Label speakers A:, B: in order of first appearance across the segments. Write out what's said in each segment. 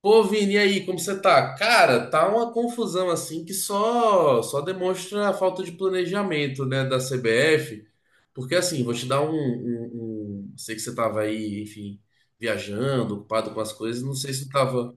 A: Pô, Vini, e aí, como você tá? Cara, tá uma confusão assim que só demonstra a falta de planejamento, né, da CBF. Porque assim, vou te dar sei que você tava aí, enfim, viajando, ocupado com as coisas. Não sei se tu tava.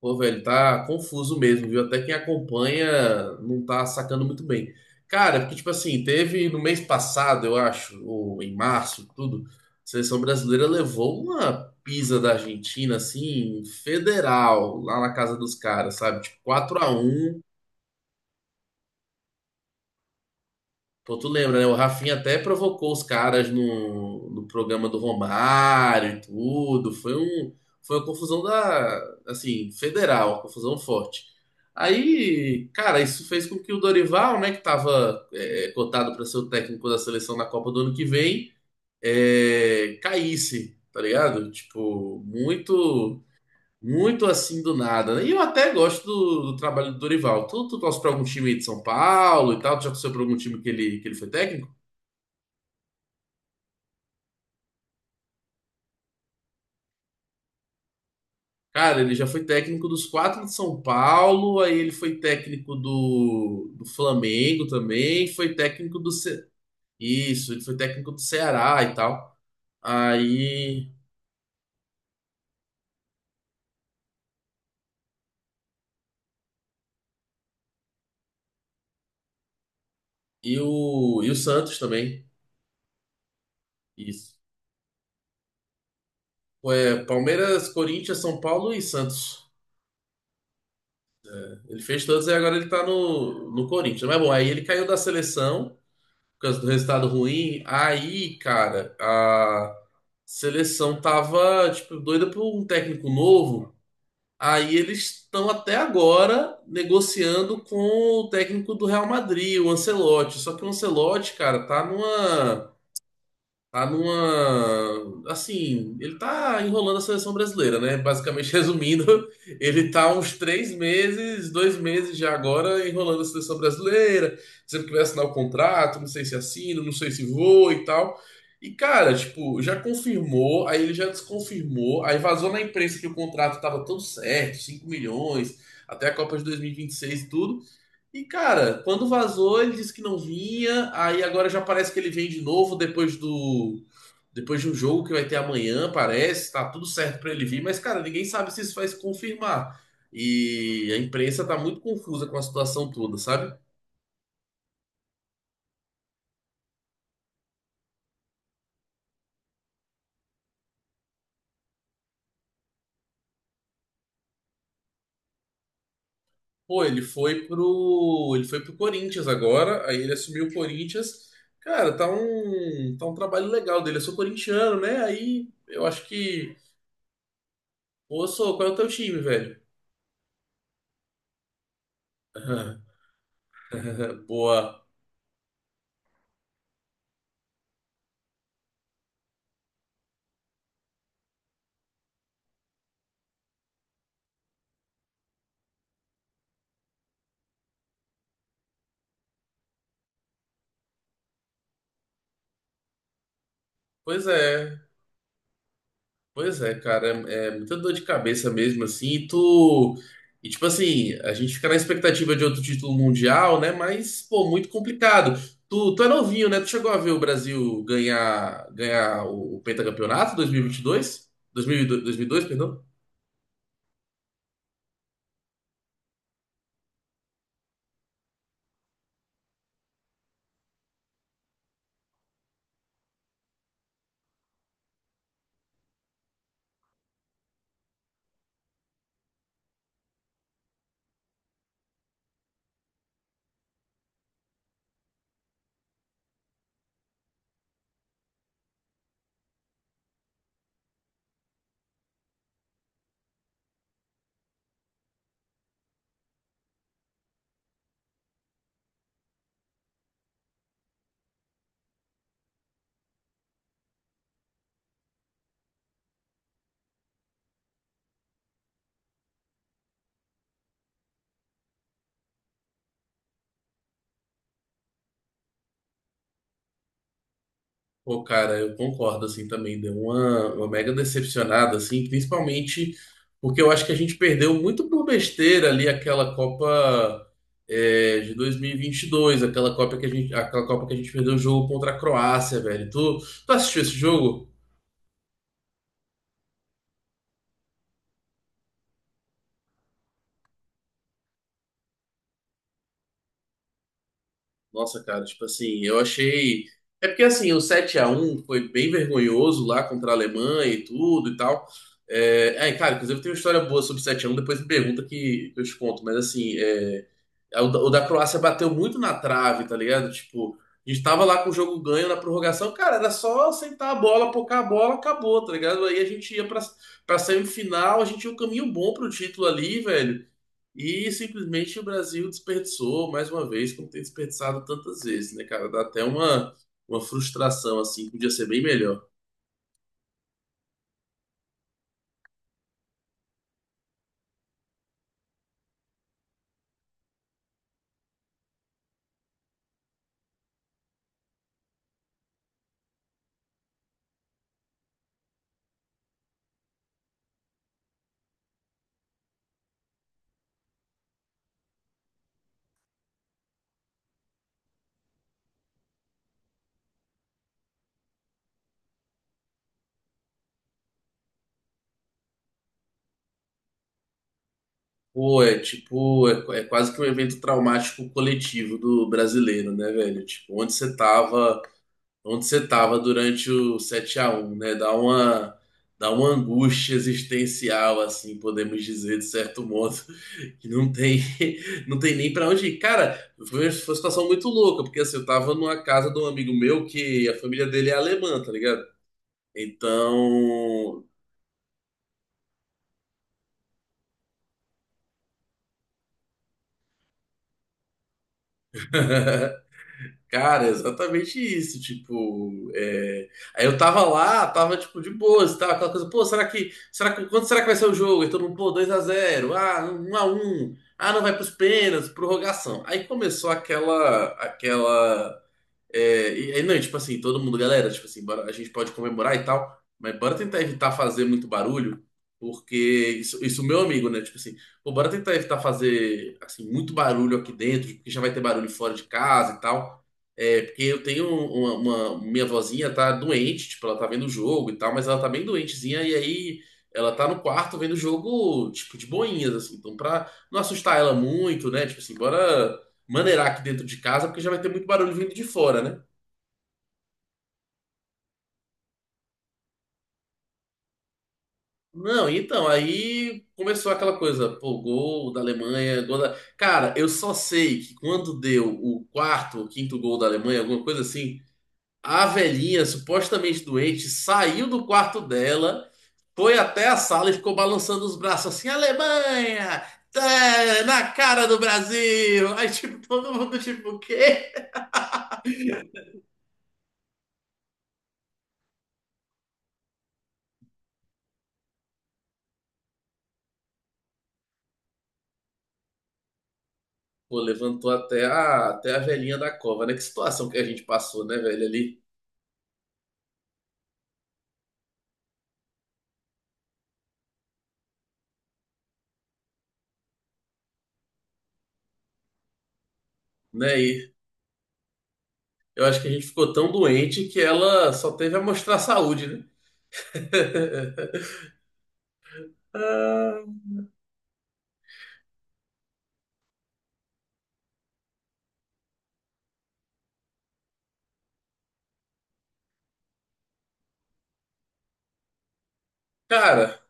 A: Pô, velho, tá confuso mesmo, viu? Até quem acompanha não tá sacando muito bem. Cara, porque, tipo assim, teve no mês passado, eu acho, ou em março, tudo, a seleção brasileira levou uma pisa da Argentina, assim, federal, lá na casa dos caras, sabe? Tipo, 4x1. Pô, tu lembra, né? O Rafinha até provocou os caras no programa do Romário e tudo. Foi uma confusão da, assim, federal, uma confusão forte. Aí, cara, isso fez com que o Dorival, né, que tava cotado para ser o técnico da seleção na Copa do ano que vem, caísse, tá ligado? Tipo, Muito assim do nada, né? E eu até gosto do trabalho do Dorival. Tu torce pra algum time aí de São Paulo e tal? Tu já torceu pra algum time que ele foi técnico? Cara, ele já foi técnico dos quatro de São Paulo, aí ele foi técnico do Flamengo também, foi técnico do. Isso, ele foi técnico do Ceará e tal. Aí. E o Santos também. Isso. Foi Palmeiras, Corinthians, São Paulo e Santos. Ele fez todos e agora ele tá no Corinthians. Mas bom, aí ele caiu da seleção por causa do resultado ruim. Aí, cara, a seleção tava, tipo, doida por um técnico novo. Aí eles estão até agora negociando com o técnico do Real Madrid, o Ancelotti. Só que o Ancelotti, cara, tá numa Tá numa. Assim, ele tá enrolando a seleção brasileira, né? Basicamente, resumindo, ele tá há uns três meses, dois meses já agora, enrolando a seleção brasileira, sempre que vai assinar o contrato, não sei se assina, não sei se vou e tal. E, cara, tipo, já confirmou, aí ele já desconfirmou, aí vazou na imprensa que o contrato tava todo certo, 5 milhões, até a Copa de 2026 e vinte e seis e tudo. E, cara, quando vazou, ele disse que não vinha. Aí agora já parece que ele vem de novo depois do. depois de um jogo que vai ter amanhã, parece. Tá tudo certo pra ele vir. Mas, cara, ninguém sabe se isso vai se confirmar. E a imprensa tá muito confusa com a situação toda, sabe? Pô, Ele foi pro Corinthians agora. Aí ele assumiu o Corinthians. Cara, Tá um trabalho legal dele. Eu sou corintiano, né? Aí eu acho que. Ô, sou, qual é o teu time, velho? Boa. Pois é. Pois é, cara, é muita dor de cabeça mesmo, assim, e tu. E tipo assim, a gente fica na expectativa de outro título mundial, né? Mas, pô, muito complicado. Tu é novinho, né? Tu chegou a ver o Brasil ganhar o pentacampeonato 2022? 2002, dois dois mil e dois, dois mil e dois, perdão? Pô, cara, eu concordo, assim, também. Deu uma mega decepcionada, assim, principalmente porque eu acho que a gente perdeu muito por besteira ali aquela Copa de 2022, aquela Copa que a gente, aquela Copa que a gente perdeu o jogo contra a Croácia, velho. Tu assistiu esse jogo? Nossa, cara, tipo assim, eu achei. É porque assim, o 7-1 foi bem vergonhoso lá contra a Alemanha e tudo e tal. É, cara, inclusive tem uma história boa sobre 7-1, depois me pergunta que eu te conto. Mas assim, o da Croácia bateu muito na trave, tá ligado? Tipo, a gente tava lá com o jogo ganho na prorrogação, cara, era só sentar a bola, pocar a bola, acabou, tá ligado? Aí a gente ia pra semifinal, a gente tinha um caminho bom pro título ali, velho. E simplesmente o Brasil desperdiçou mais uma vez, como tem desperdiçado tantas vezes, né, cara? Dá até uma frustração, assim, que podia ser bem melhor. Pô, é tipo, é quase que um evento traumático coletivo do brasileiro, né, velho? Tipo, onde você tava durante o 7-1, né? Dá uma angústia existencial, assim, podemos dizer, de certo modo, que não tem, não tem nem pra onde ir. Cara, foi uma situação muito louca, porque assim, eu tava numa casa de um amigo meu que a família dele é alemã, tá ligado? Então, cara, é exatamente isso, tipo, é. Aí eu tava lá, tava, tipo, de boas, tava aquela coisa, pô, quanto será que vai ser o jogo? E todo mundo, pô, 2-0, 1-1, não vai pros pênaltis, prorrogação. Aí começou aquela, aquela e aí, não, tipo assim, todo mundo, galera, tipo assim, a gente pode comemorar e tal, mas bora tentar evitar fazer muito barulho, porque isso meu amigo, né? Tipo assim, pô, bora tentar evitar fazer, assim, muito barulho aqui dentro, porque já vai ter barulho fora de casa e tal. É, porque eu tenho uma minha vozinha tá doente, tipo, ela tá vendo o jogo e tal, mas ela tá bem doentezinha, e aí ela tá no quarto vendo o jogo, tipo, de boinhas, assim, então pra não assustar ela muito, né? Tipo assim, bora maneirar aqui dentro de casa, porque já vai ter muito barulho vindo de fora, né? Não, então, aí começou aquela coisa, pô, gol da Alemanha, gol da. Cara, eu só sei que quando deu o quarto ou quinto gol da Alemanha, alguma coisa assim, a velhinha, supostamente doente, saiu do quarto dela, foi até a sala e ficou balançando os braços assim, Alemanha! Tá na cara do Brasil! Aí, tipo, todo mundo, tipo, o quê? Pô, levantou até até a velhinha da cova, né? Que situação que a gente passou, né, velho, ali, né? E eu acho que a gente ficou tão doente que ela só teve a mostrar saúde, né? Ah, Cara,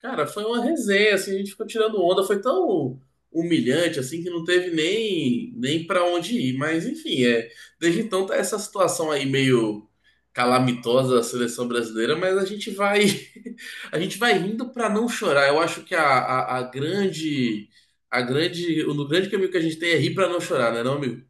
A: Cara, foi uma resenha, assim, a gente ficou tirando onda, foi tão humilhante, assim, que não teve nem para onde ir. Mas, enfim, desde então tá essa situação aí meio calamitosa da seleção brasileira, mas a gente vai, a gente vai rindo para não chorar. Eu acho que o grande caminho que a gente tem é rir para não chorar, né, não, amigo?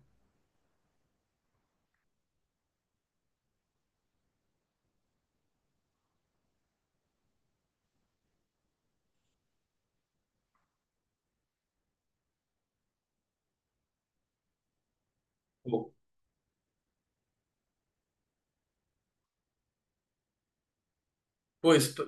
A: Pô, esp-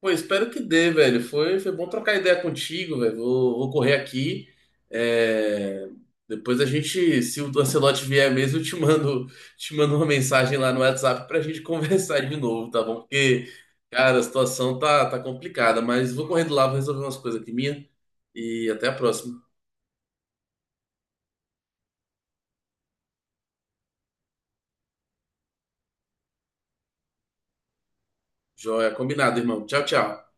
A: pô, espero que dê, velho. Foi bom trocar ideia contigo, velho. Vou correr aqui. É, Depois a gente, se o Ancelotti vier mesmo, eu te mando uma mensagem lá no WhatsApp pra gente conversar de novo, tá bom? Porque, cara, a situação tá complicada, mas vou correndo lá, vou resolver umas coisas aqui minha e até a próxima. Joia, combinado, irmão. Tchau, tchau.